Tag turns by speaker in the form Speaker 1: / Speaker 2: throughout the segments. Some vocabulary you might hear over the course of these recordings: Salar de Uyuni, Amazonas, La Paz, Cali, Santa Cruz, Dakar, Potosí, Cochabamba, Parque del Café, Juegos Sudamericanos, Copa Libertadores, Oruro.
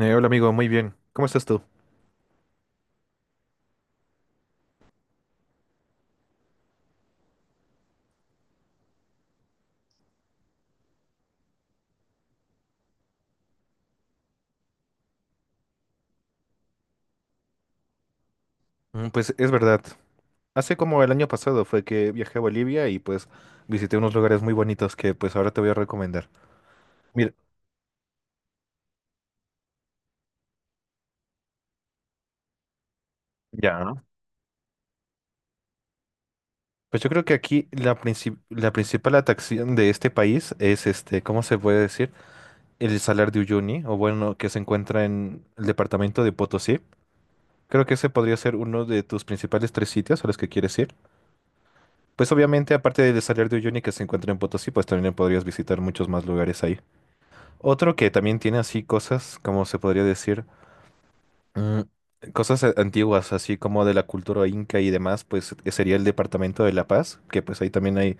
Speaker 1: Hola amigo, muy bien. ¿Cómo estás tú? Pues es verdad. Hace como el año pasado fue que viajé a Bolivia y pues visité unos lugares muy bonitos que pues ahora te voy a recomendar. Mira, ya. ¿No? Pues yo creo que aquí la principal atracción de este país es este, ¿cómo se puede decir? El Salar de Uyuni, o bueno, que se encuentra en el departamento de Potosí. Creo que ese podría ser uno de tus principales tres sitios a los que quieres ir. Pues obviamente, aparte del Salar de Uyuni que se encuentra en Potosí, pues también podrías visitar muchos más lugares ahí. Otro que también tiene así cosas, como se podría decir, mm, antiguas, así como de la cultura inca y demás, pues sería el Departamento de La Paz, que pues ahí también hay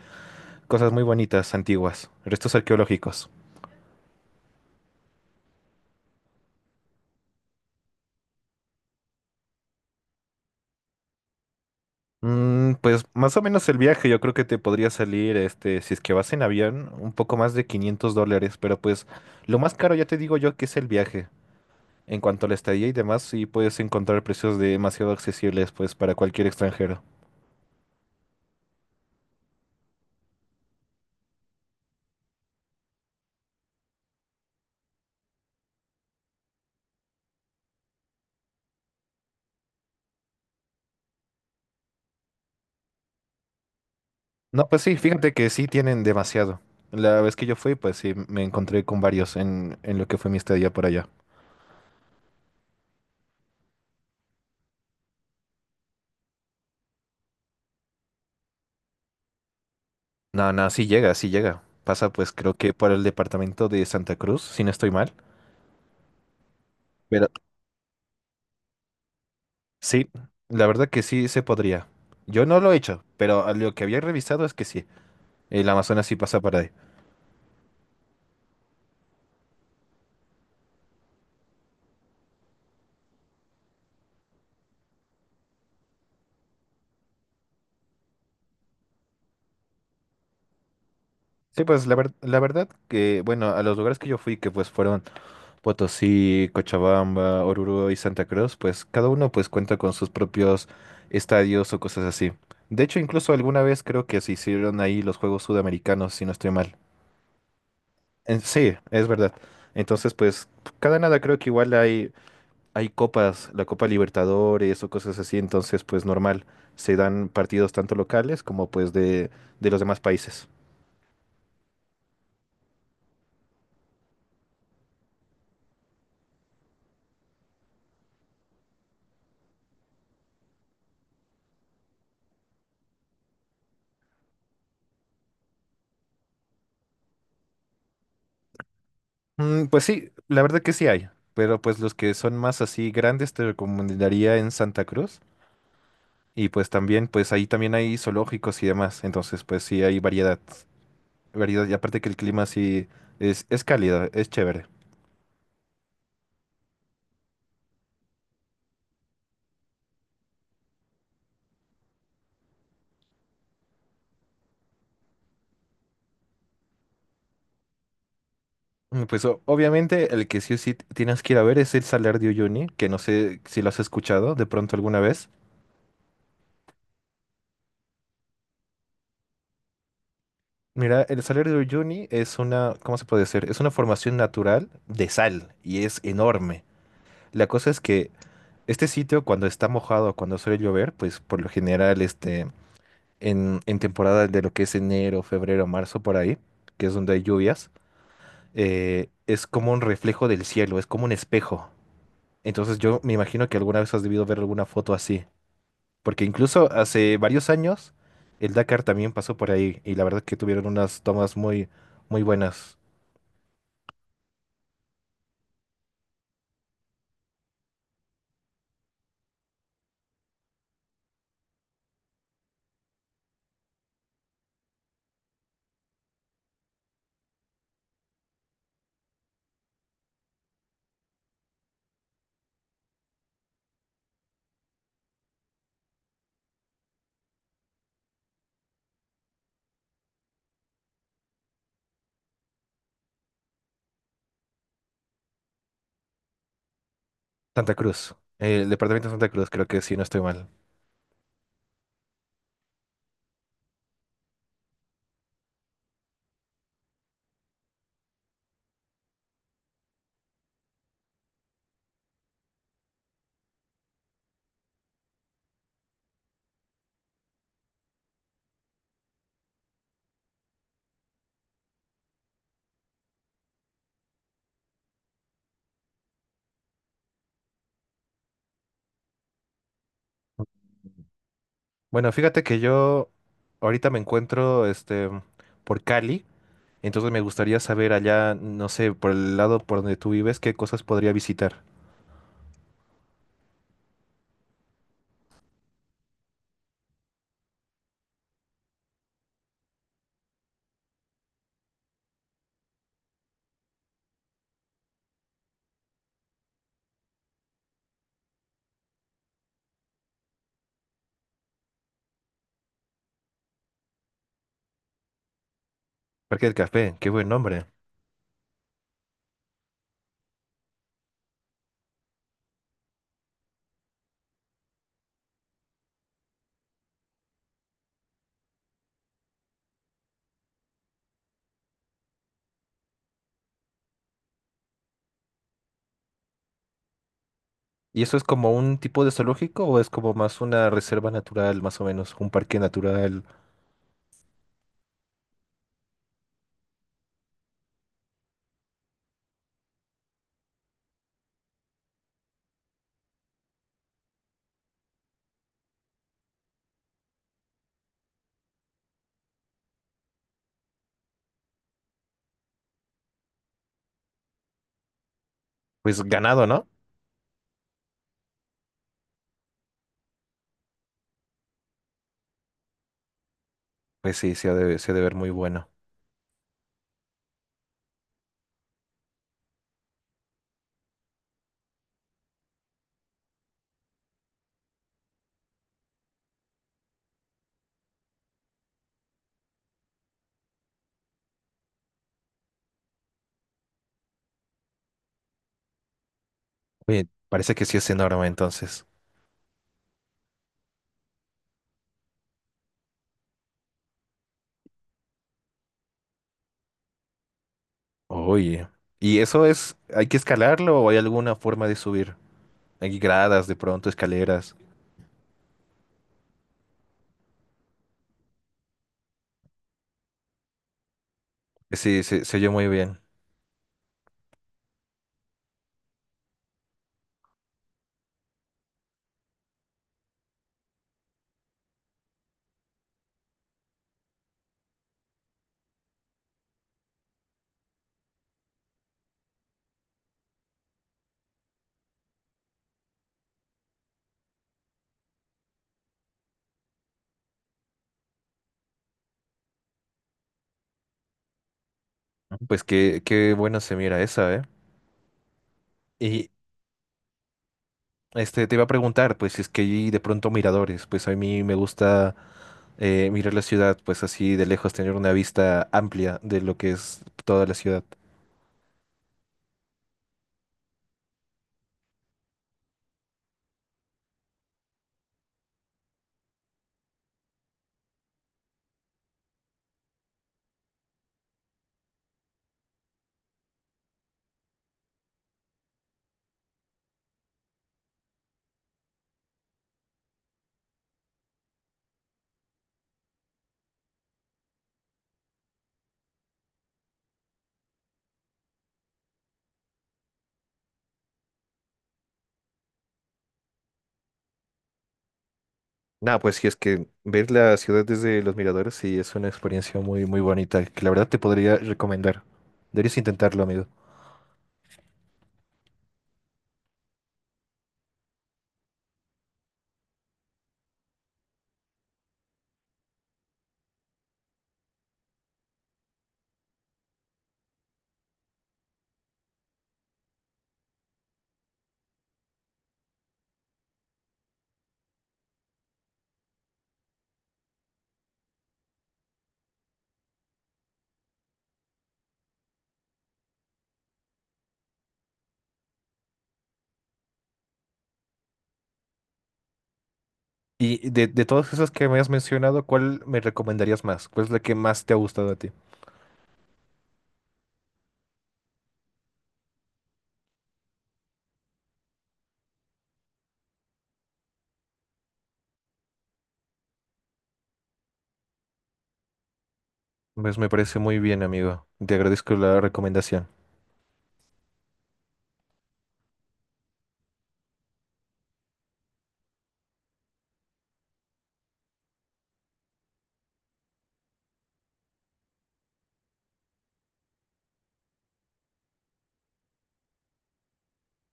Speaker 1: cosas muy bonitas, antiguas, restos arqueológicos. Pues más o menos el viaje, yo creo que te podría salir, este, si es que vas en avión, un poco más de $500, pero pues lo más caro ya te digo yo que es el viaje. En cuanto a la estadía y demás, sí puedes encontrar precios demasiado accesibles, pues para cualquier extranjero. No, pues sí, fíjate que sí tienen demasiado. La vez que yo fui, pues sí, me encontré con varios en lo que fue mi estadía por allá. No, no, sí llega, sí llega. Pasa pues creo que por el departamento de Santa Cruz, si no estoy mal. Pero sí, la verdad que sí se podría. Yo no lo he hecho, pero a lo que había revisado es que sí. El Amazonas sí pasa para ahí. Sí, pues la verdad que, bueno, a los lugares que yo fui, que pues fueron Potosí, Cochabamba, Oruro y Santa Cruz, pues cada uno pues cuenta con sus propios estadios o cosas así. De hecho, incluso alguna vez creo que se hicieron ahí los Juegos Sudamericanos, si no estoy mal. Sí, es verdad. Entonces, pues cada nada creo que igual hay, hay copas, la Copa Libertadores o cosas así, entonces pues normal, se dan partidos tanto locales como pues de los demás países. Pues sí, la verdad que sí hay, pero pues los que son más así grandes te recomendaría en Santa Cruz. Y pues también, pues ahí también hay zoológicos y demás. Entonces, pues sí hay variedad. Variedad. Y aparte que el clima sí es cálido, es chévere. Pues obviamente el que sí o sí tienes que ir a ver es el Salar de Uyuni, que no sé si lo has escuchado de pronto alguna vez. Mira, el Salar de Uyuni es una, ¿cómo se puede decir? Es una formación natural de sal y es enorme. La cosa es que este sitio cuando está mojado, cuando suele llover, pues por lo general este en temporada de lo que es enero, febrero, marzo, por ahí, que es donde hay lluvias, es como un reflejo del cielo, es como un espejo. Entonces yo me imagino que alguna vez has debido ver alguna foto así, porque incluso hace varios años el Dakar también pasó por ahí y la verdad que tuvieron unas tomas muy, muy buenas. Santa Cruz, el departamento de Santa Cruz, creo que sí, no estoy mal. Bueno, fíjate que yo ahorita me encuentro este, por Cali. Entonces me gustaría saber allá, no sé, por el lado por donde tú vives, qué cosas podría visitar. Parque del Café, qué buen nombre. ¿Y eso es como un tipo de zoológico o es como más una reserva natural, más o menos, un parque natural? Pues ganado, ¿no? Pues sí, se ha de ver muy bueno. Oye, parece que sí es enorme entonces. Oye, ¿y eso es, hay que escalarlo o hay alguna forma de subir? Hay gradas, de pronto, escaleras. Sí, se oye muy bien. Pues qué, qué bueno se mira esa, ¿eh? Y, este, te iba a preguntar, pues, si es que hay de pronto miradores, pues a mí me gusta mirar la ciudad, pues así de lejos, tener una vista amplia de lo que es toda la ciudad. Nada, pues si es que ver la ciudad desde los miradores, sí, es una experiencia muy, muy bonita, que la verdad te podría recomendar. Deberías intentarlo, amigo. Y de todas esas que me has mencionado, ¿cuál me recomendarías más? ¿Cuál es la que más te ha gustado a ti? Pues me parece muy bien, amigo. Te agradezco la recomendación.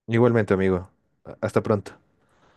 Speaker 1: Igualmente, amigo. Hasta pronto.